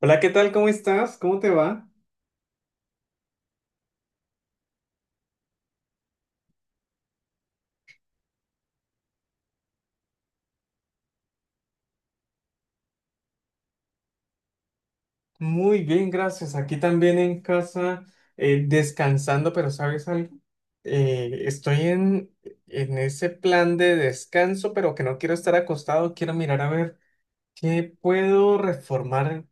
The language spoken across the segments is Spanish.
Hola, ¿qué tal? ¿Cómo estás? ¿Cómo te va? Muy bien, gracias. Aquí también en casa, descansando, pero ¿sabes algo? Eh, estoy en, en ese plan de descanso, pero que no quiero estar acostado, quiero mirar a ver qué puedo reformar.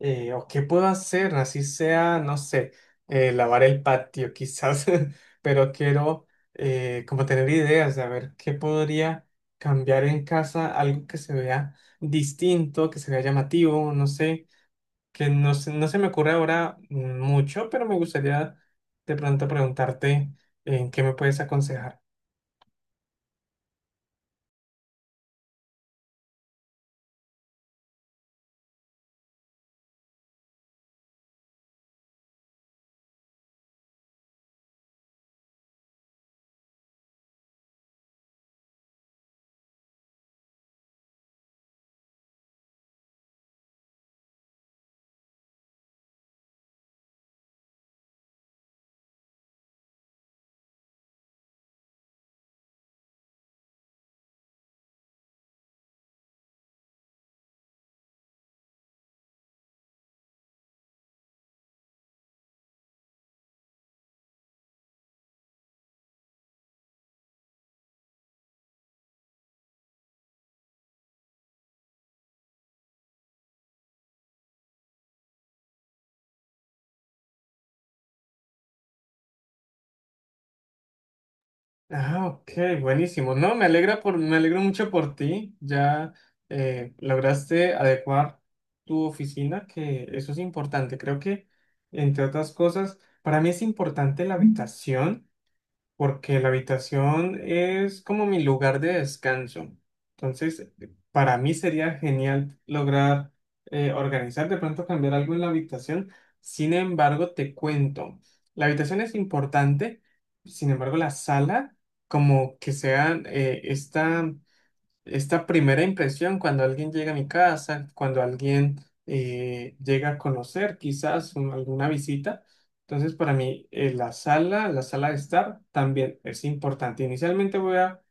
¿O qué puedo hacer? Así sea, no sé, lavar el patio quizás, pero quiero como tener ideas de a ver qué podría cambiar en casa, algo que se vea distinto, que se vea llamativo, no sé, que no se, no se me ocurre ahora mucho, pero me gustaría de pronto preguntarte en qué me puedes aconsejar. Ah, ok, buenísimo. No, me alegra por, Me alegro mucho por ti. Ya lograste adecuar tu oficina, que eso es importante. Creo que, entre otras cosas, para mí es importante la habitación, porque la habitación es como mi lugar de descanso. Entonces, para mí sería genial lograr organizar, de pronto cambiar algo en la habitación. Sin embargo, te cuento, la habitación es importante, sin embargo, la sala, como que sea esta primera impresión cuando alguien llega a mi casa, cuando alguien llega a conocer quizás alguna visita. Entonces, para mí, la sala de estar también es importante. Inicialmente voy a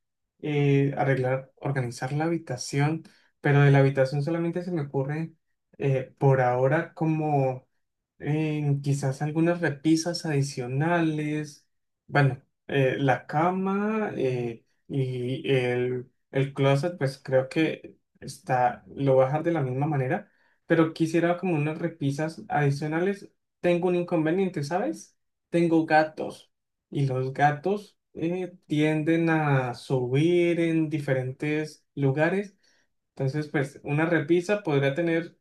arreglar, organizar la habitación, pero de la habitación solamente se me ocurre por ahora como quizás algunas repisas adicionales. Bueno, la cama y el closet, pues creo que está, lo voy a dejar de la misma manera, pero quisiera como unas repisas adicionales. Tengo un inconveniente, ¿sabes? Tengo gatos y los gatos tienden a subir en diferentes lugares. Entonces, pues una repisa podría tener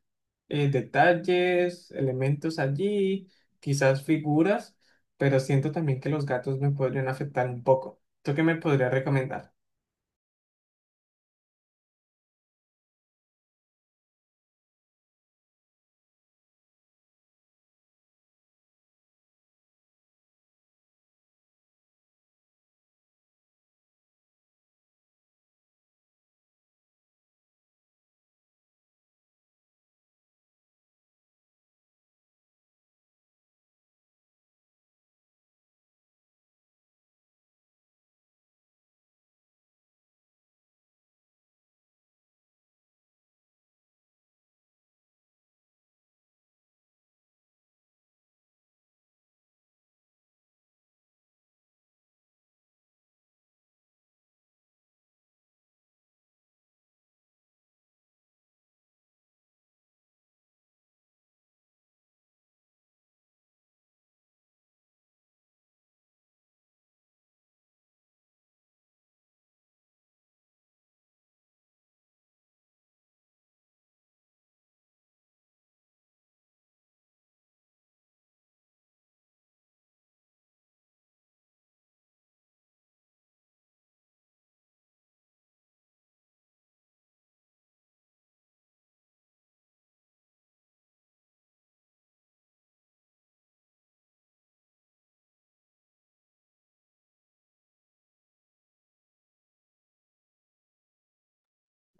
detalles, elementos allí, quizás figuras, pero siento también que los gatos me podrían afectar un poco. ¿Tú qué me podrías recomendar?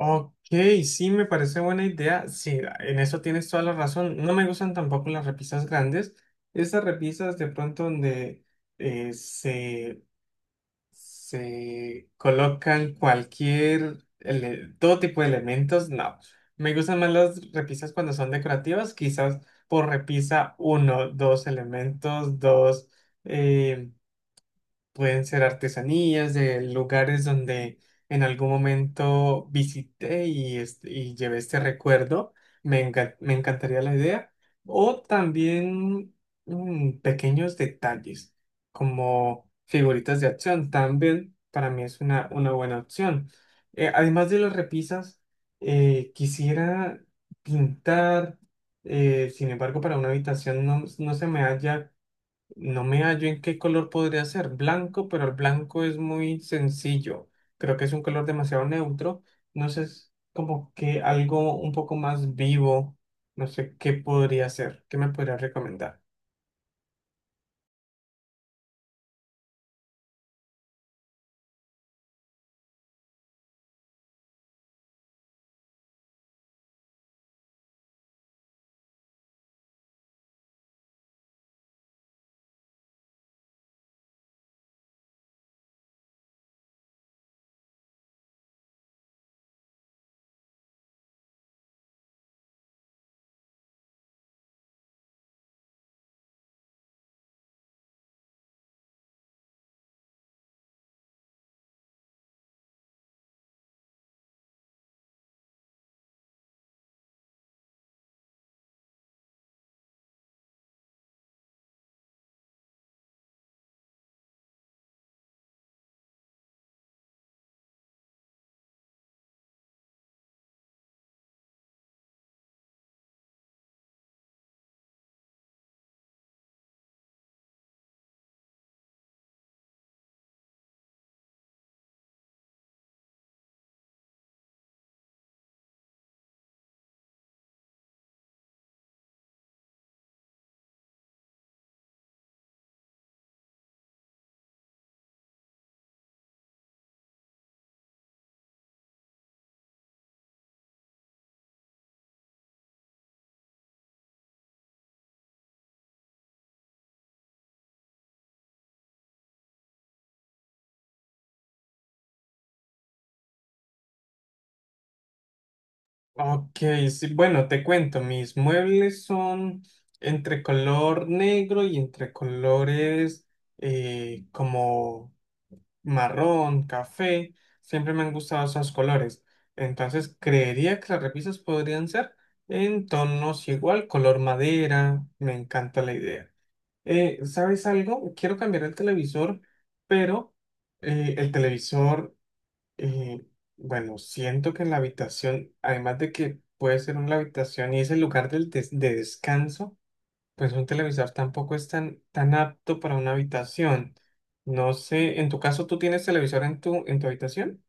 Ok, sí, me parece buena idea. Sí, en eso tienes toda la razón. No me gustan tampoco las repisas grandes. Esas repisas de pronto donde eh, se, se colocan todo tipo de elementos, no. Me gustan más las repisas cuando son decorativas, quizás por repisa uno, dos elementos, dos, em, pueden ser artesanías de lugares donde en algún momento visité y, y llevé este recuerdo. Me encantaría la idea. O también pequeños detalles como figuritas de acción. También para mí es una buena opción. Además de las repisas, quisiera pintar. Sin embargo, para una habitación no me hallo en qué color podría ser. Blanco, pero el blanco es muy sencillo. Creo que es un color demasiado neutro. No sé, es como que algo un poco más vivo. No sé qué podría ser. ¿Qué me podría recomendar? Ok, sí, bueno, te cuento. Mis muebles son entre color negro y entre colores como marrón, café, siempre me han gustado esos colores. Entonces creería que las repisas podrían ser en tonos igual, color madera, me encanta la idea. ¿Sabes algo? Quiero cambiar el televisor, pero eh, el televisor, eh, bueno, siento que en la habitación, además de que puede ser una habitación y es el lugar de descanso, pues un televisor tampoco es tan, tan apto para una habitación. No sé, en tu caso, ¿tú tienes televisor en en tu habitación?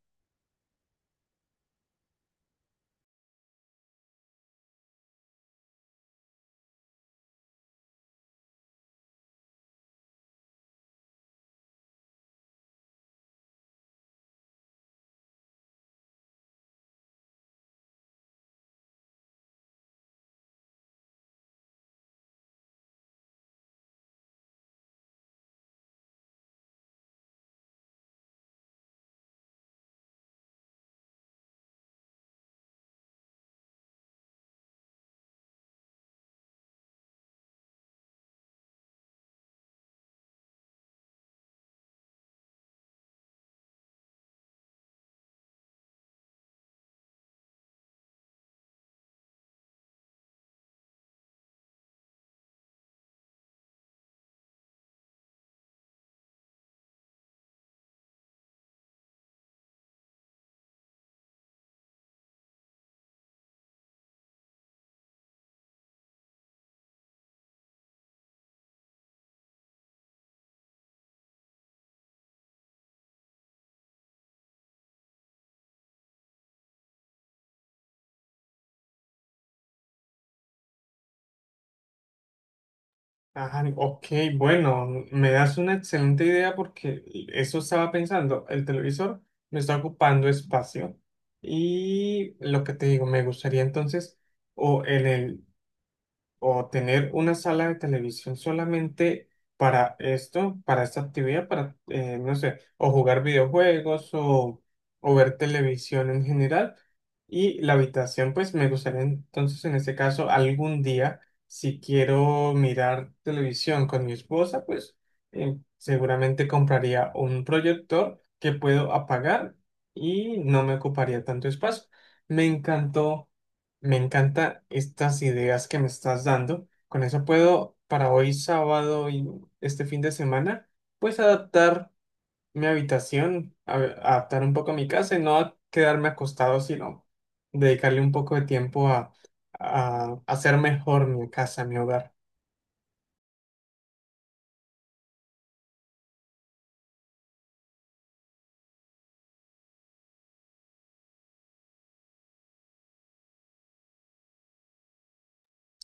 Ajá, ok, bueno, me das una excelente idea porque eso estaba pensando. El televisor me está ocupando espacio. Y lo que te digo, me gustaría entonces, o en el o tener una sala de televisión solamente para esto, para esta actividad, para, no sé, o jugar videojuegos o ver televisión en general. Y la habitación, pues me gustaría entonces en ese caso algún día, si quiero mirar televisión con mi esposa, pues seguramente compraría un proyector que puedo apagar y no me ocuparía tanto espacio. Me encantó Me encantan estas ideas que me estás dando. Con eso puedo, para hoy sábado y este fin de semana, pues adaptar mi habitación, adaptar un poco mi casa y no quedarme acostado, sino dedicarle un poco de tiempo a hacer mejor mi casa, mi hogar.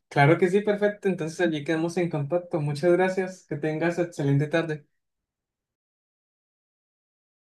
Claro que sí, perfecto. Entonces allí quedamos en contacto. Muchas gracias. Que tengas excelente tarde.